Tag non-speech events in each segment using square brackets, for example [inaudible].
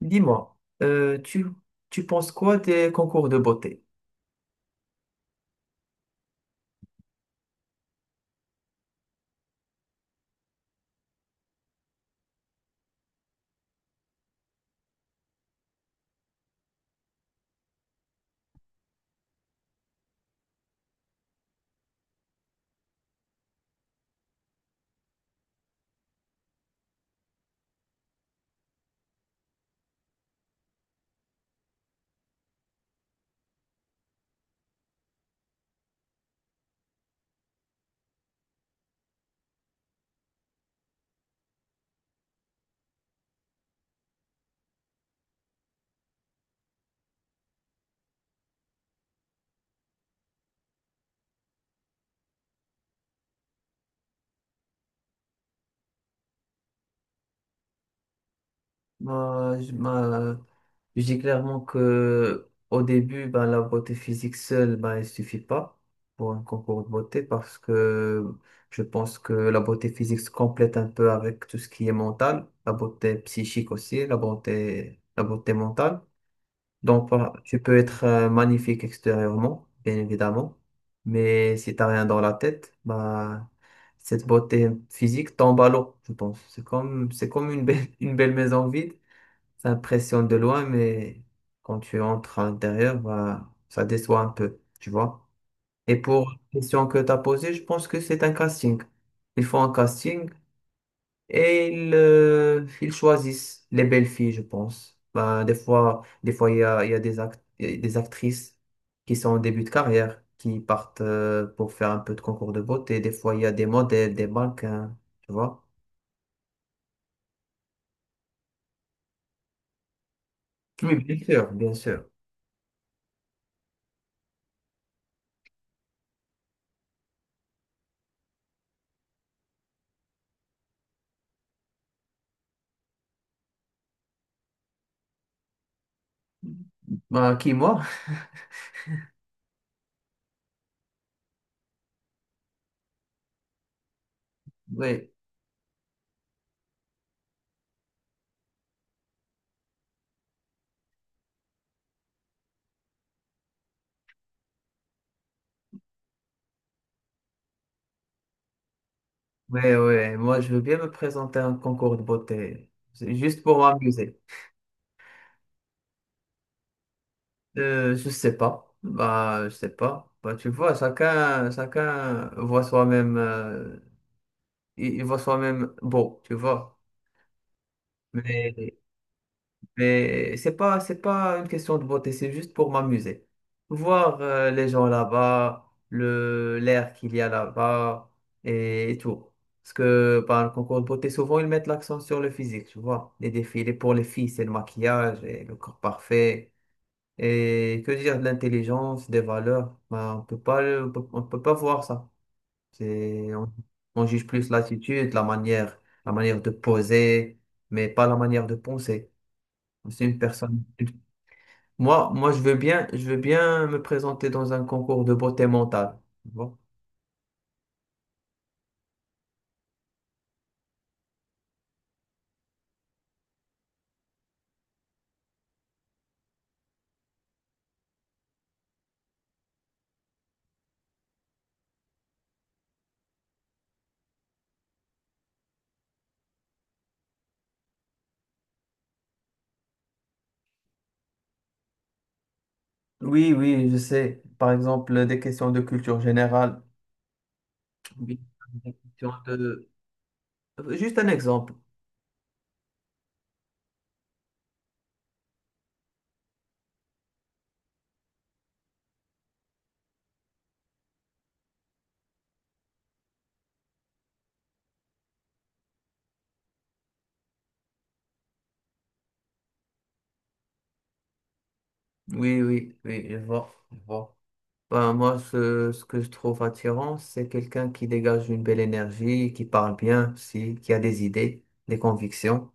Dis-moi, euh, tu, tu penses quoi des concours de beauté? Moi, je moi, je dis clairement que au début, ben, la beauté physique seule, ben, elle suffit pas pour un concours de beauté parce que je pense que la beauté physique se complète un peu avec tout ce qui est mental, la beauté psychique aussi, la beauté mentale. Donc, tu peux être magnifique extérieurement, bien évidemment, mais si t'as rien dans la tête, bah, cette beauté physique tombe à l'eau, je pense. C'est comme une belle, [laughs] une belle maison vide. Ça impressionne de loin, mais quand tu entres à l'intérieur, bah, ça déçoit un peu, tu vois. Et pour la question que tu as posée, je pense que c'est un casting. Ils font un casting et ils choisissent les belles filles, je pense. Ben, des fois, il y a il y a des actrices qui sont en début de carrière, qui partent pour faire un peu de concours de beauté. Des fois, il y a des modèles, des mannequins, tu vois. Oui, bien sûr, bien sûr. Ben, qui, moi? [laughs] Oui, oui, oui. Moi, je veux bien me présenter à un concours de beauté. C'est juste pour m'amuser. Je sais pas. Bah, je sais pas. Bah, tu vois, chacun voit soi-même. Il voit soi-même beau, tu vois. Mais, mais c'est pas une question de beauté, c'est juste pour m'amuser. Voir les gens là-bas, l'air qu'il y a là-bas et tout. Parce que par le concours de beauté, souvent ils mettent l'accent sur le physique, tu vois. Les défilés pour les filles, c'est le maquillage et le corps parfait. Et que dire de l'intelligence, des valeurs, ben, on peut pas, on peut pas voir ça. C'est, on, on juge plus l'attitude, la manière de poser, mais pas la manière de penser. C'est une personne. Je veux bien, je veux bien me présenter dans un concours de beauté mentale. Tu vois. Oui, oui, je sais. Par exemple, des questions de culture générale. Oui, des questions de... Juste un exemple. Oui, oui, oui, je vois, je vois. Bah, moi, ce que je trouve attirant, c'est quelqu'un qui dégage une belle énergie, qui parle bien aussi, qui a des idées, des convictions.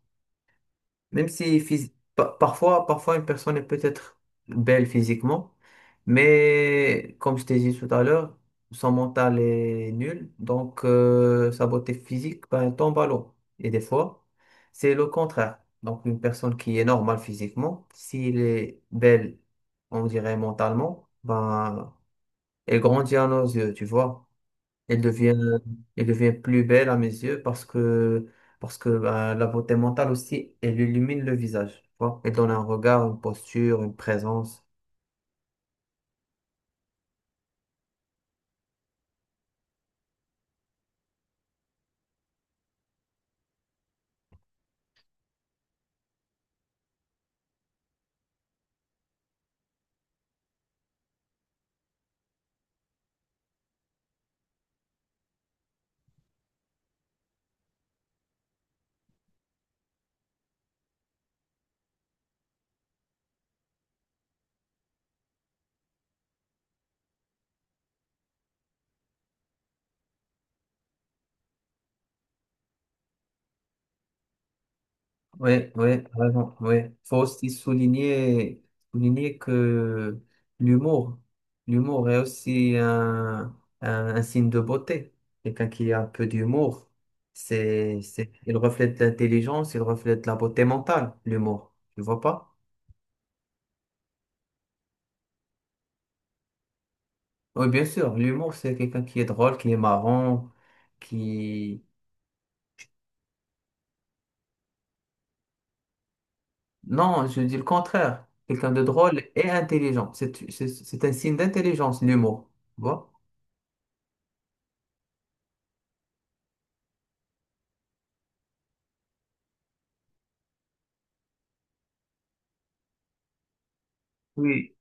Même si parfois, parfois une personne est peut-être belle physiquement, mais comme je t'ai dit tout à l'heure, son mental est nul, donc sa beauté physique ben, tombe à l'eau. Et des fois, c'est le contraire. Donc une personne qui est normale physiquement, s'il est belle, on dirait mentalement, ben elle grandit à nos yeux, tu vois. Elle devient, elle devient plus belle à mes yeux parce que bah, la beauté mentale aussi, elle illumine le visage, tu vois. Elle donne un regard, une posture, une présence. Oui, oui, vraiment, oui. Faut aussi souligner, souligner que l'humour, l'humour est aussi un signe de beauté. Quelqu'un qui a un peu d'humour, il reflète l'intelligence, il reflète la beauté mentale, l'humour. Tu vois pas? Oui, bien sûr, l'humour, c'est quelqu'un qui est drôle, qui est marrant, qui... Non, je dis le contraire. Quelqu'un de drôle et intelligent. C'est un signe d'intelligence, l'humour. Tu vois? Oui.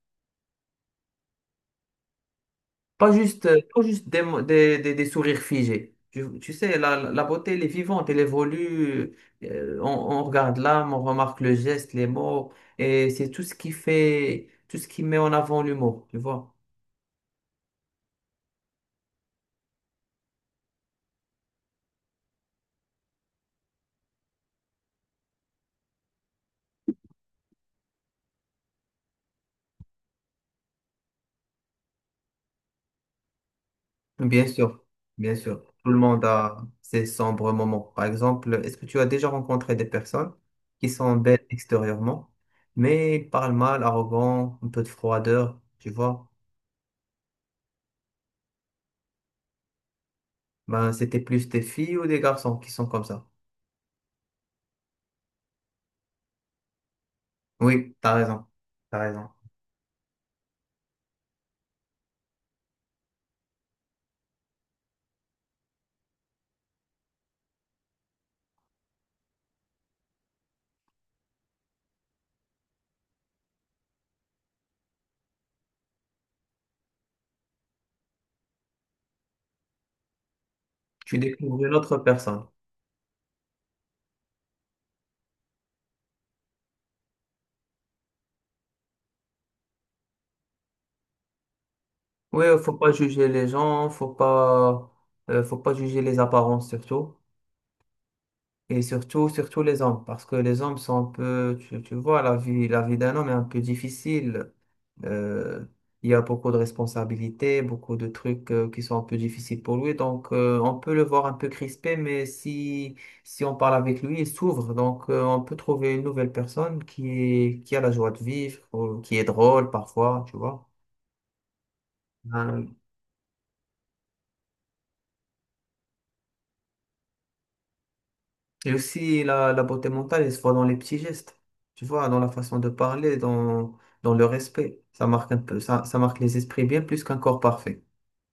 Pas juste, pas juste des, mo- des sourires figés. Tu sais, la beauté, elle est vivante, elle évolue. On regarde l'âme, on remarque le geste, les mots. Et c'est tout ce qui fait, tout ce qui met en avant l'humour. Tu vois? Bien sûr, bien sûr. Tout le monde a ses sombres moments. Par exemple, est-ce que tu as déjà rencontré des personnes qui sont belles extérieurement, mais ils parlent mal, arrogants, un peu de froideur, tu vois? Ben, c'était plus des filles ou des garçons qui sont comme ça. Oui, t'as raison, t'as raison. Tu découvres une autre personne. Oui, faut pas juger les gens, faut pas juger les apparences surtout. Et surtout, surtout les hommes, parce que les hommes sont un peu, tu vois, la vie d'un homme est un peu difficile. Euh, il y a beaucoup de responsabilités, beaucoup de trucs qui sont un peu difficiles pour lui. Donc, on peut le voir un peu crispé, mais si on parle avec lui, il s'ouvre. Donc, on peut trouver une nouvelle personne qui est, qui a la joie de vivre, ou qui est drôle parfois, tu vois. Euh, et aussi, la beauté mentale, elle se voit dans les petits gestes, tu vois, dans la façon de parler, dans, dans le respect. Ça marque un peu, ça marque les esprits bien plus qu'un corps parfait.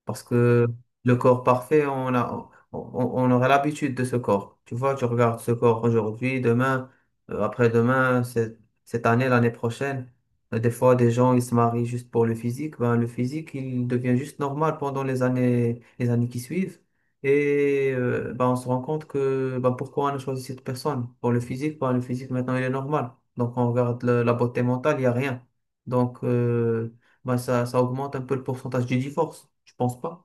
Parce que le corps parfait, on aura l'habitude de ce corps. Tu vois, tu regardes ce corps aujourd'hui, demain, après-demain, cette année, l'année prochaine. Des fois, des gens, ils se marient juste pour le physique. Ben, le physique, il devient juste normal pendant les années qui suivent. Et ben, on se rend compte que ben, pourquoi on a choisi cette personne? Pour le physique, ben, le physique, maintenant, il est normal. Donc, on regarde la beauté mentale, il n'y a rien. Donc, bah, ça augmente un peu le pourcentage du divorce, je pense pas.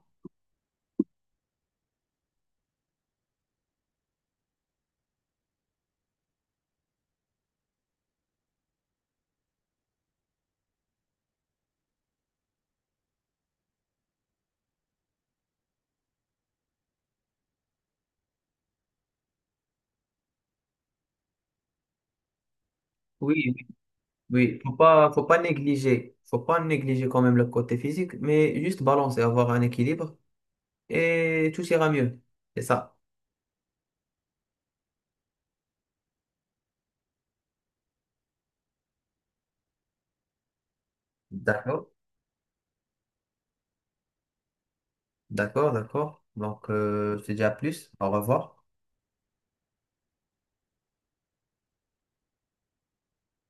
Oui, oui. Oui, faut pas négliger quand même le côté physique, mais juste balancer, avoir un équilibre et tout ira mieux. C'est ça. D'accord, d'accord, d'accord. Donc, je te dis à plus. Au revoir.